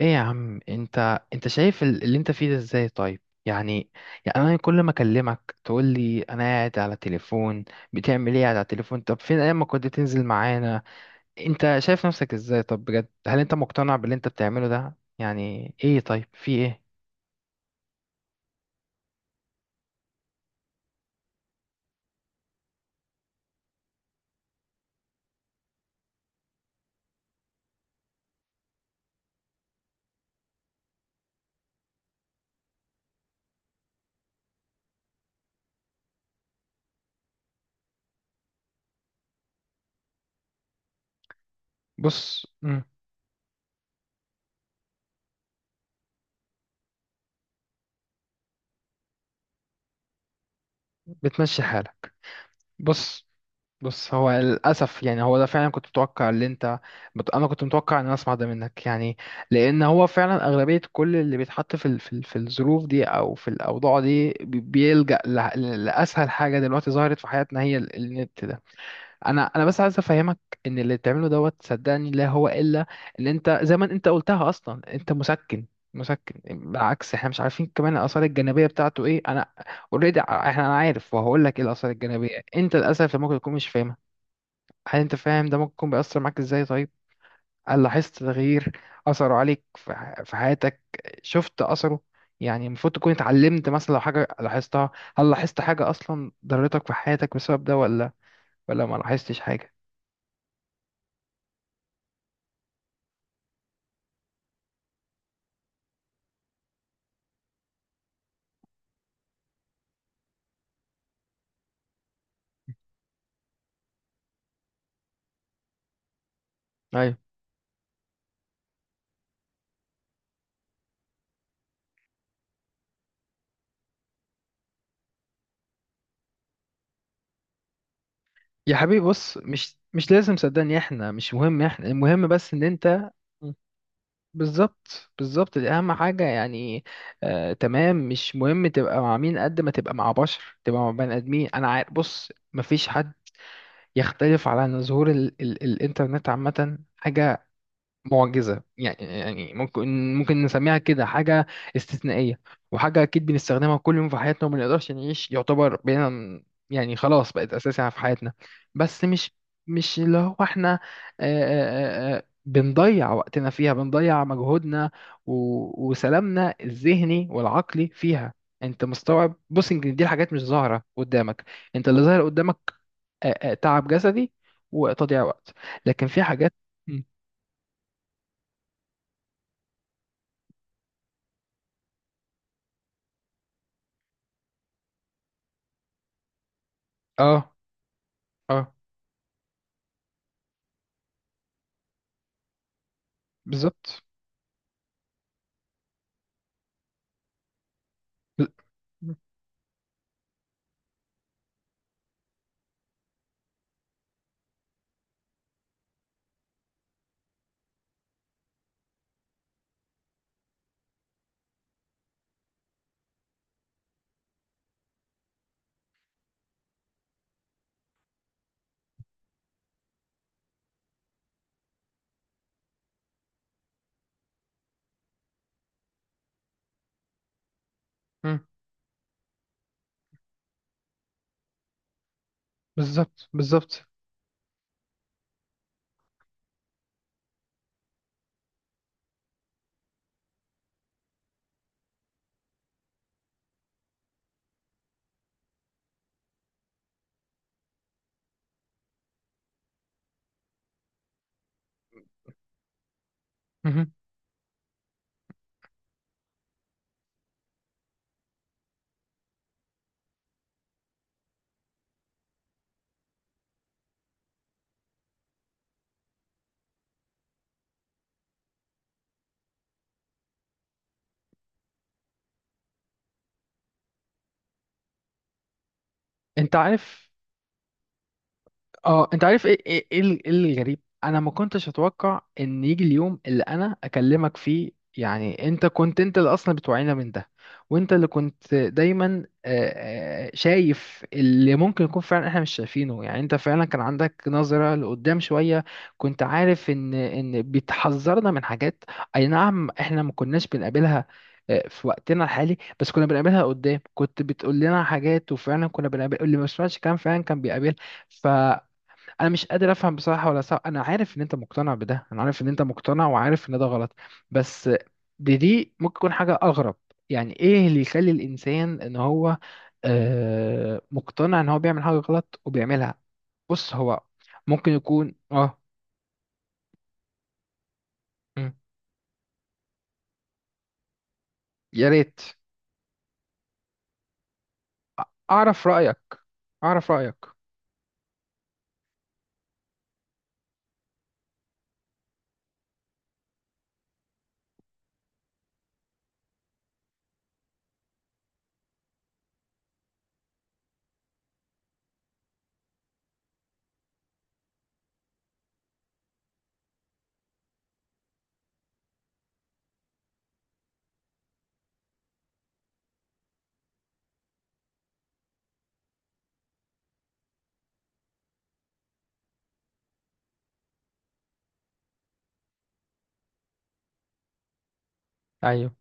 ايه يا عم، انت شايف اللي انت فيه ده ازاي؟ طيب يعني، انا كل ما اكلمك تقول لي انا قاعد على تليفون. بتعمل ايه قاعد على التليفون؟ طب فين ايام ما كنت تنزل معانا؟ انت شايف نفسك ازاي؟ طب بجد، هل انت مقتنع باللي انت بتعمله ده؟ يعني ايه؟ طيب في ايه؟ بص. بتمشي حالك. بص بص هو للأسف يعني، هو ده فعلا، كنت متوقع اللي انت، أنا كنت متوقع إن أنا أسمع ده منك يعني. لأن هو فعلا أغلبية كل اللي بيتحط في الظروف دي أو في الأوضاع دي بيلجأ لأسهل حاجة دلوقتي ظهرت في حياتنا، هي النت ده. أنا بس عايز أفهمك إن اللي بتعمله دوت، صدقني لا هو إلا، إن أنت زي ما أنت قلتها أصلا، أنت مسكن. مسكن. بالعكس، احنا مش عارفين كمان الاثار الجانبيه بتاعته ايه. انا اوريدي، احنا، انا عارف وهقول لك ايه الاثار الجانبيه. انت للاسف ممكن تكون مش فاهم. هل انت فاهم ده ممكن بيأثر معاك ازاي؟ طيب، هل لاحظت تغيير، أثره عليك في في حياتك؟ شفت أثره؟ يعني المفروض تكون اتعلمت مثلا لو حاجة لاحظتها. هل لاحظت حاجة أصلا ضرتك في حياتك بسبب ده، ولا ما لاحظتش حاجة؟ أيوة. يا حبيبي بص، مش لازم، صدقني احنا مش مهم، احنا المهم بس ان انت. بالظبط، دي اهم حاجة يعني. آه تمام، مش مهم تبقى مع مين، قد ما تبقى مع بشر، تبقى مع بني ادمين. انا عارف. بص، مفيش حد يختلف على أن ظهور ال ال الإنترنت عامة، حاجة معجزة يعني، ممكن، نسميها كده حاجة استثنائية. وحاجة أكيد بنستخدمها كل يوم في حياتنا، وما نقدرش نعيش يعتبر بينا. يعني خلاص، بقت أساسية في حياتنا. بس مش، اللي هو إحنا، بنضيع وقتنا فيها، بنضيع مجهودنا وسلامنا الذهني والعقلي فيها. انت مستوعب؟ بص، يمكن دي الحاجات مش ظاهرة قدامك، انت اللي ظاهر قدامك تعب جسدي وتضييع وقت، لكن في حاجات. مم. اه. اه. بالظبط. ب- مم. بالظبط، بالظبط. مهم. انت عارف، اه انت عارف ايه، إيه الغريب، انا ما كنتش اتوقع ان يجي اليوم اللي انا اكلمك فيه. يعني انت كنت، انت اللي اصلا بتوعينا من ده، وانت اللي كنت دايما شايف اللي ممكن يكون فعلا احنا مش شايفينه. يعني انت فعلا كان عندك نظرة لقدام شوية، كنت عارف ان بتحذرنا من حاجات. اي نعم، احنا ما كناش بنقابلها في وقتنا الحالي، بس كنا بنقابلها قدام. كنت بتقول لنا حاجات وفعلا كنا بنقابل، اللي ما سمعش كلام فعلا كان بيقابل. انا مش قادر افهم بصراحه، ولا صح؟ انا عارف ان انت مقتنع بده، انا عارف ان انت مقتنع وعارف ان ده غلط، بس دي ممكن تكون حاجه اغرب. يعني ايه اللي يخلي الانسان ان هو مقتنع ان هو بيعمل حاجه غلط وبيعملها؟ بص هو ممكن يكون اه، مم، يا ريت. أ- اعرف رايك. اعرف رايك. ايوه.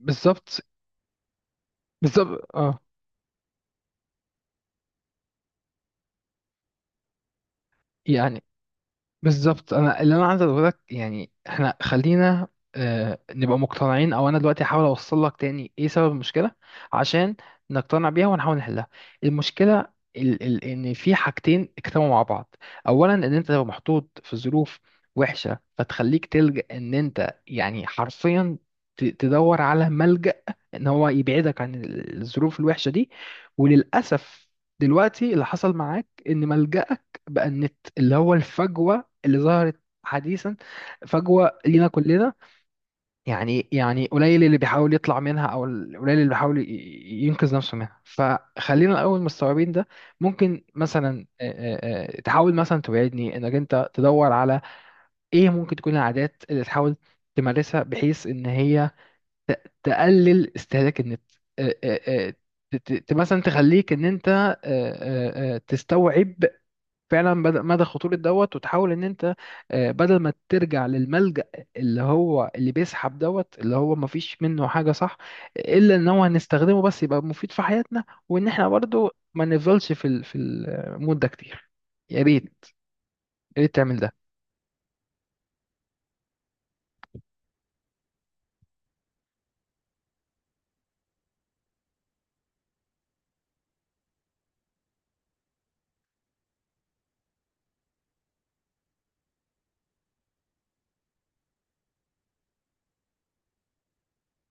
بالظبط، بالظبط، اه يعني. بالظبط، انا اللي انا عايز اقول لك يعني، احنا خلينا نبقى مقتنعين، او انا دلوقتي هحاول اوصل لك تاني ايه سبب المشكله، عشان نقتنع بيها ونحاول نحلها. المشكله ال ال ان في حاجتين اجتمعوا مع بعض. اولا، ان انت لو محطوط في ظروف وحشه، فتخليك تلجأ ان انت يعني حرفيا تدور على ملجأ ان هو يبعدك عن الظروف الوحشه دي. وللاسف دلوقتي اللي حصل معاك ان ملجأك بقى النت، اللي هو الفجوة اللي ظهرت حديثا، فجوة لينا كلنا. يعني، قليل اللي بيحاول يطلع منها، او قليل اللي بيحاول ينقذ نفسه منها. فخلينا الاول مستوعبين ده. ممكن مثلا، تحاول مثلا تبعدني، انك انت تدور على ايه ممكن تكون العادات اللي تحاول تمارسها بحيث ان هي تقلل استهلاك النت، آه، آه، آه، مثلا تخليك ان انت تستوعب فعلا بدأ مدى خطورة دوت، وتحاول ان انت، بدل ما ترجع للملجأ اللي هو اللي بيسحب دوت، اللي هو ما فيش منه حاجة صح، الا ان هو هنستخدمه بس يبقى مفيد في حياتنا، وان احنا برضو ما نفضلش في المود ده كتير. يا ريت، تعمل ده.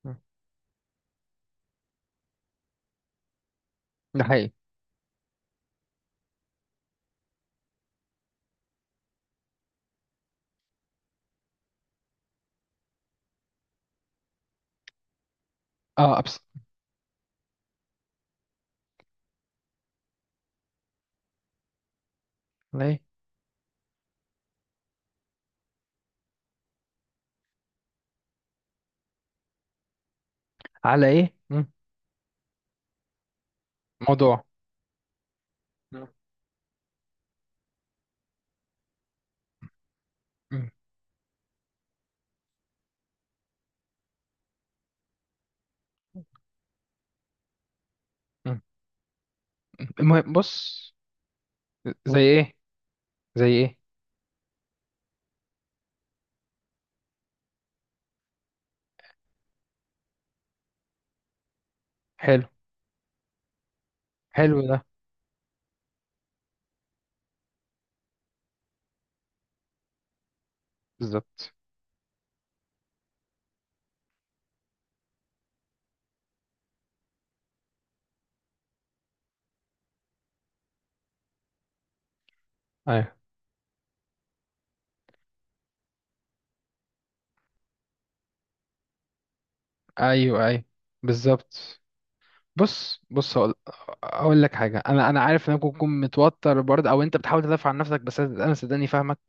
مم. ده حقيقي. اه ابسط. على ايه؟ على ايه؟ مم. موضوع. مم. مم. مم. المهم بص، زي ايه؟ زي ايه؟ حلو. حلو ده. بالظبط. ايوه ايوه ايوه. بالظبط. بص هقول، اقول لك حاجه. انا عارف انك ممكن تكون متوتر برضه، او انت بتحاول تدافع عن نفسك، بس انا صدقني فاهمك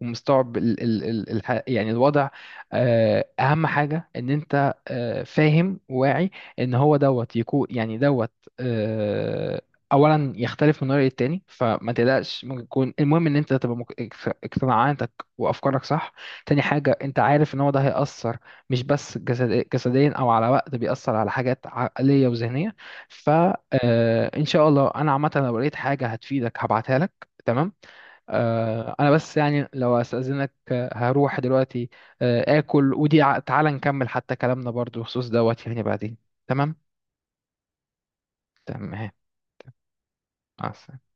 ومستوعب يعني الوضع. اهم حاجه ان انت فاهم وواعي ان هو دوت يكون يعني دوت آه، اولا يختلف من رأي التاني، فما تقلقش. ممكن يكون المهم ان انت تبقى اقتناعاتك وافكارك صح. تاني حاجه، انت عارف ان هو ده هيأثر مش بس جسديا او على وقت، بيأثر على حاجات عقليه وذهنيه. فإن شاء الله أنا عامة لو لقيت حاجة هتفيدك هبعتها لك. تمام؟ أنا بس يعني لو أستأذنك، هروح دلوقتي، آكل ودي، تعالى نكمل حتى كلامنا برضو بخصوص دوت يعني بعدين. تمام. تمام. مع السلامة.